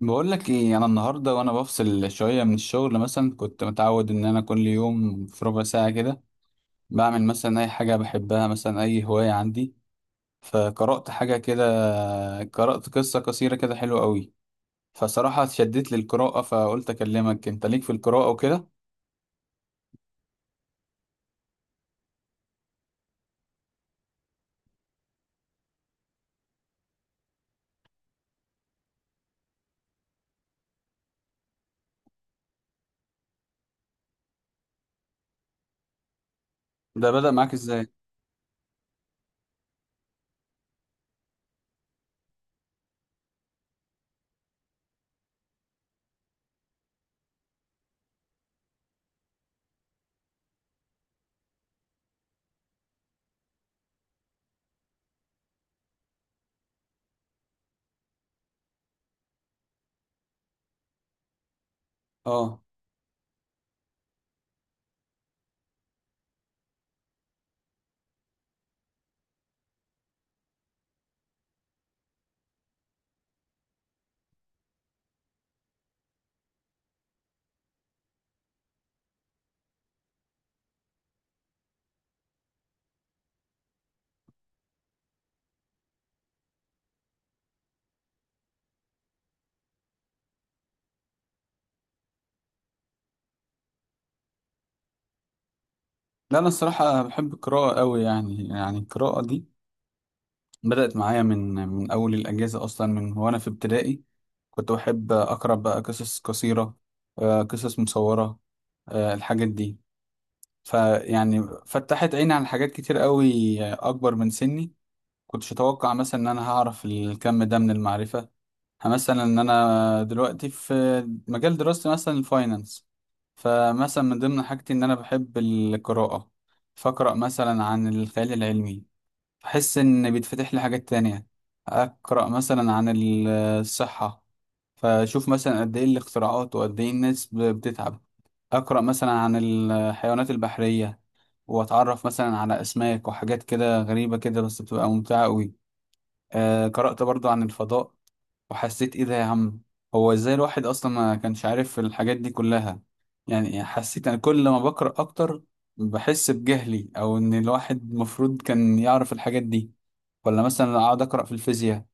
بقول لك ايه. انا النهارده وانا بفصل شويه من الشغل، مثلا كنت متعود ان انا كل يوم في ربع ساعه كده بعمل مثلا اي حاجه بحبها، مثلا اي هوايه عندي. فقرات حاجه كده قرات قصه قصيره كده حلوه قوي. فصراحه اتشدت للقراءه، فقلت اكلمك انت ليك في القراءه وكده. ده بدأ معاك ازاي؟ اه. لا انا الصراحه بحب القراءه قوي، يعني القراءه دي بدأت معايا من أول الأجازة، أصلا من وأنا في ابتدائي كنت بحب أقرأ بقى قصص قصيرة، قصص مصورة، الحاجات دي. فيعني فتحت عيني على حاجات كتير قوي أكبر من سني. كنتش أتوقع مثلا إن أنا هعرف الكم ده من المعرفة، مثلا إن أنا دلوقتي في مجال دراستي مثلا الفاينانس. فمثلا من ضمن حاجتي إن أنا بحب القراءة، فأقرأ مثلا عن الخيال العلمي، بحس إن بيتفتح لي حاجات تانية. أقرأ مثلا عن الصحة، فأشوف مثلا قد إيه الاختراعات وقد إيه الناس بتتعب. أقرأ مثلا عن الحيوانات البحرية، وأتعرف مثلا على أسماك وحاجات كده غريبة كده، بس بتبقى ممتعة أوي. قرأت برضو عن الفضاء وحسيت ايه ده يا عم، هو ازاي الواحد اصلا ما كانش عارف الحاجات دي كلها؟ يعني حسيت انا كل ما بقرأ اكتر بحس بجهلي، او ان الواحد المفروض كان يعرف الحاجات دي. ولا مثلا اقعد اقرأ في الفيزياء،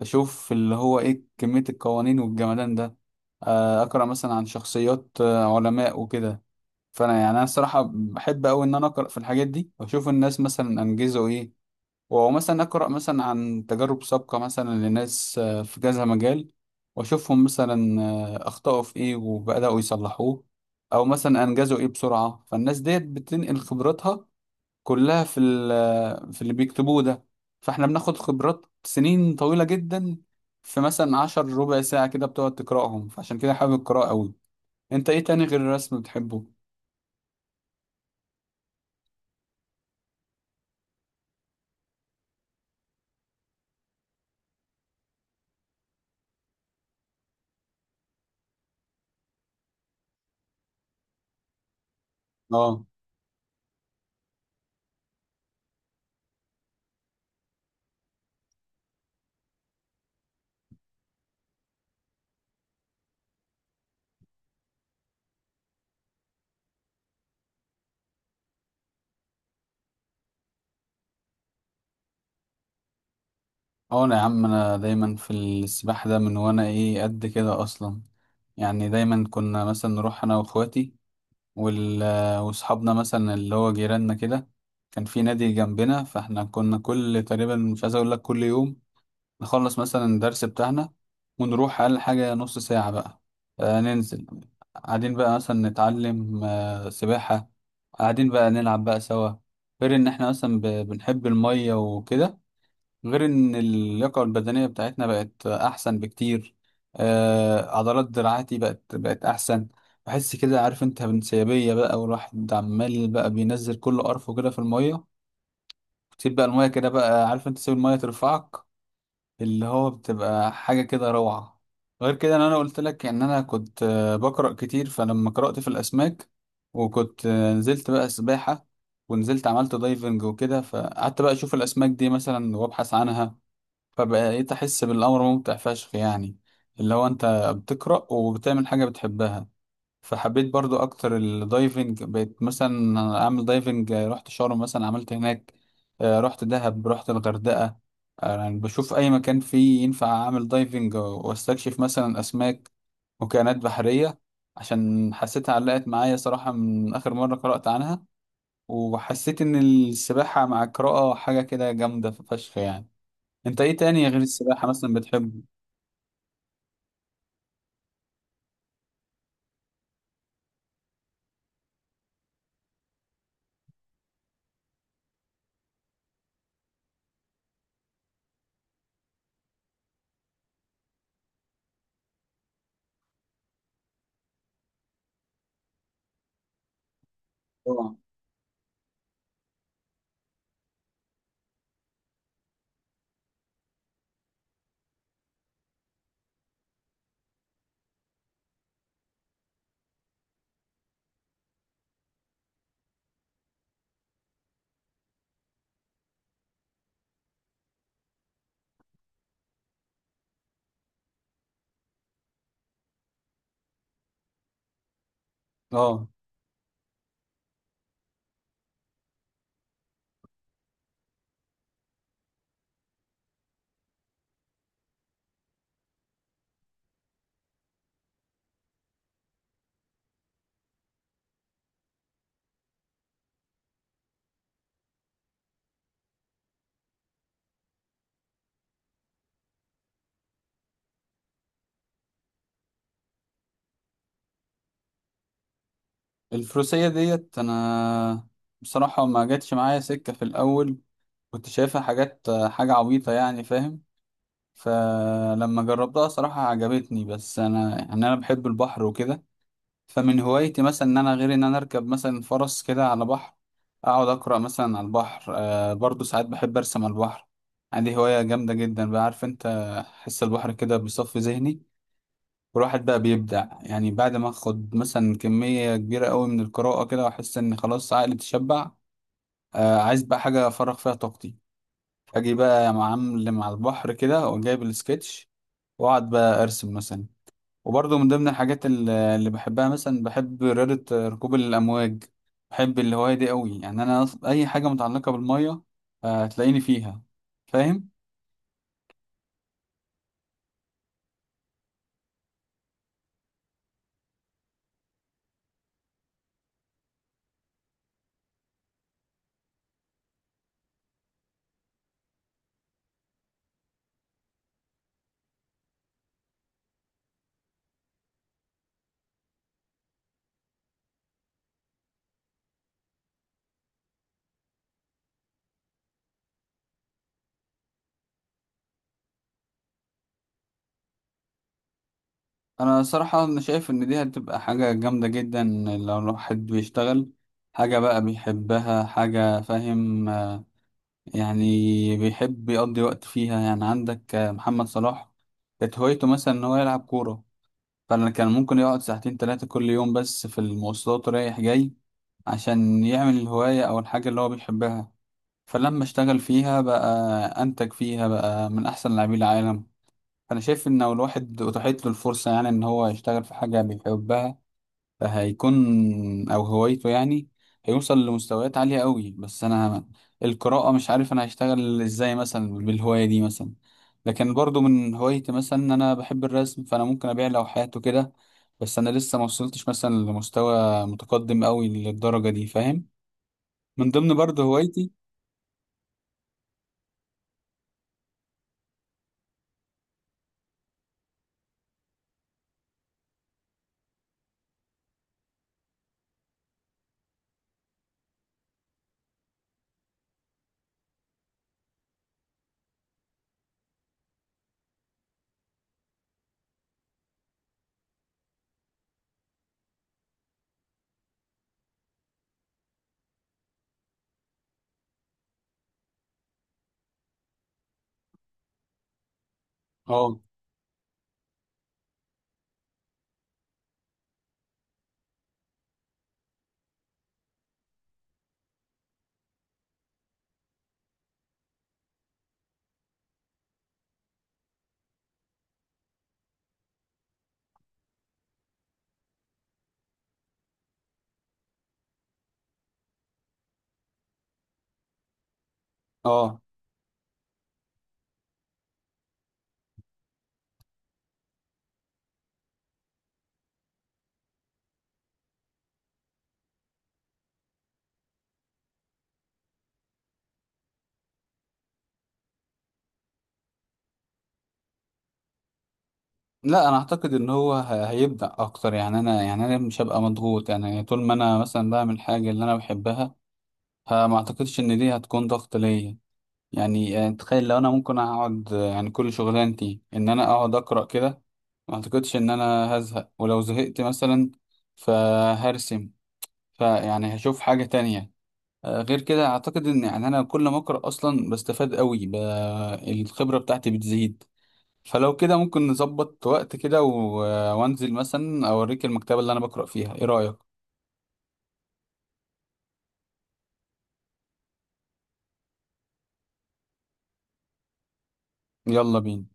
اشوف اللي هو ايه كمية القوانين والجمدان ده. اقرأ مثلا عن شخصيات علماء وكده. فانا يعني انا الصراحة بحب قوي ان انا اقرأ في الحاجات دي واشوف الناس مثلا انجزوا ايه. ومثلا أقرأ مثلا عن تجارب سابقة مثلا لناس في كذا مجال، وأشوفهم مثلا أخطأوا في إيه وبدأوا يصلحوه، أو مثلا أنجزوا إيه بسرعة. فالناس ديت بتنقل خبراتها كلها في في اللي بيكتبوه ده. فإحنا بناخد خبرات سنين طويلة جدا في مثلا عشر ربع ساعة كده بتقعد تقرأهم، فعشان كده حابب القراءة أوي. أنت إيه تاني غير الرسم بتحبه؟ آه. اه انا يا عم انا دايما في السباحة، ده من وانا ايه قد كده اصلا. يعني دايما كنا مثلا نروح انا واخواتي واصحابنا مثلا اللي هو جيراننا كده، كان في نادي جنبنا. فاحنا كنا كل تقريبا مش عايز اقول لك كل يوم نخلص مثلا الدرس بتاعنا ونروح اقل حاجة نص ساعة بقى. ننزل قاعدين بقى مثلا نتعلم سباحة، قاعدين بقى نلعب بقى سوا. غير ان احنا مثلا بنحب المية وكده، غير ان اللياقة البدنية بتاعتنا بقت احسن بكتير. عضلات دراعاتي بقت احسن. بحس كده عارف انت بانسيابية بقى، والواحد عمال بقى بينزل كل قرفه كده في المية، تسيب بقى المية كده بقى عارف انت تسيب المية ترفعك، اللي هو بتبقى حاجة كده روعة. غير كده ان انا قلت لك ان انا كنت بقرأ كتير، فلما قرأت في الاسماك وكنت نزلت بقى سباحة ونزلت عملت دايفنج وكده، فقعدت بقى اشوف الاسماك دي مثلا وابحث عنها. فبقيت أحس بالأمر ممتع فشخ يعني، اللي هو أنت بتقرأ وبتعمل حاجة بتحبها. فحبيت برضو أكتر الدايفنج، بقيت مثلا أعمل دايفنج رحت شرم مثلا عملت هناك، رحت دهب رحت الغردقة. يعني بشوف أي مكان فيه ينفع أعمل دايفنج وأستكشف مثلا أسماك وكائنات بحرية، عشان حسيتها علقت معايا صراحة من آخر مرة قرأت عنها. وحسيت إن السباحة مع القراءة حاجة كده جامدة فشخ يعني. انت ايه تاني غير السباحة مثلا بتحبه؟ اه اه. الفروسية ديت انا بصراحة ما جاتش معايا سكة في الاول، كنت شايفها حاجات حاجة عبيطة يعني فاهم. فلما جربتها صراحة عجبتني، بس انا يعني انا بحب البحر وكده. فمن هوايتي مثلا ان انا غير ان انا اركب مثلا فرس كده على بحر، اقعد اقرا مثلا على البحر. برضو ساعات بحب ارسم على البحر، عندي هواية جامدة جدا بقى عارف انت. حس البحر كده بيصفي ذهني، والواحد بقى بيبدع يعني بعد ما اخد مثلا كمية كبيرة قوي من القراءة كده واحس ان خلاص عقلي اتشبع. عايز بقى حاجة افرغ فيها طاقتي، اجي بقى يا معلم مع البحر كده وجايب السكتش واقعد بقى ارسم مثلا. وبرضه من ضمن الحاجات اللي بحبها مثلا بحب رياضة ركوب الامواج، بحب الهواية دي قوي. يعني انا اي حاجة متعلقة بالمية هتلاقيني فيها فاهم. انا صراحة انا شايف ان دي هتبقى حاجة جامدة جدا لو الواحد بيشتغل حاجة بقى بيحبها، حاجة فاهم يعني بيحب يقضي وقت فيها. يعني عندك محمد صلاح كانت هوايته مثلا ان هو يلعب كورة، فانا كان ممكن يقعد ساعتين تلاتة كل يوم بس في المواصلات رايح جاي عشان يعمل الهواية او الحاجة اللي هو بيحبها. فلما اشتغل فيها بقى انتج فيها بقى من احسن لاعبي العالم. فانا شايف ان لو الواحد اتاحت له الفرصة يعني ان هو يشتغل في حاجة بيحبها هيكون او هوايته يعني، هيوصل لمستويات عالية قوي. بس انا القراءة مش عارف انا هشتغل ازاي مثلا بالهواية دي مثلا، لكن برضو من هوايتي مثلا ان انا بحب الرسم فانا ممكن ابيع لوحات وكده، بس انا لسه ما وصلتش مثلا لمستوى متقدم قوي للدرجة دي فاهم. من ضمن برضو هوايتي اه اه. لا انا اعتقد ان هو هيبدأ اكتر. يعني انا يعني انا مش هبقى مضغوط يعني طول ما انا مثلا بعمل حاجة اللي انا بحبها، فما اعتقدش ان دي هتكون ضغط ليا. يعني تخيل لو انا ممكن اقعد يعني كل شغلانتي ان انا اقعد اقرا كده، ما اعتقدش ان انا هزهق، ولو زهقت مثلا فهرسم، فيعني هشوف حاجة تانية. غير كده اعتقد ان يعني انا كل ما اقرا اصلا بستفاد قوي الخبرة بتاعتي بتزيد. فلو كده ممكن نظبط وقت كده و... آه، وانزل مثلا اوريك المكتبة اللي انا بقرا فيها، ايه رأيك؟ يلا بينا.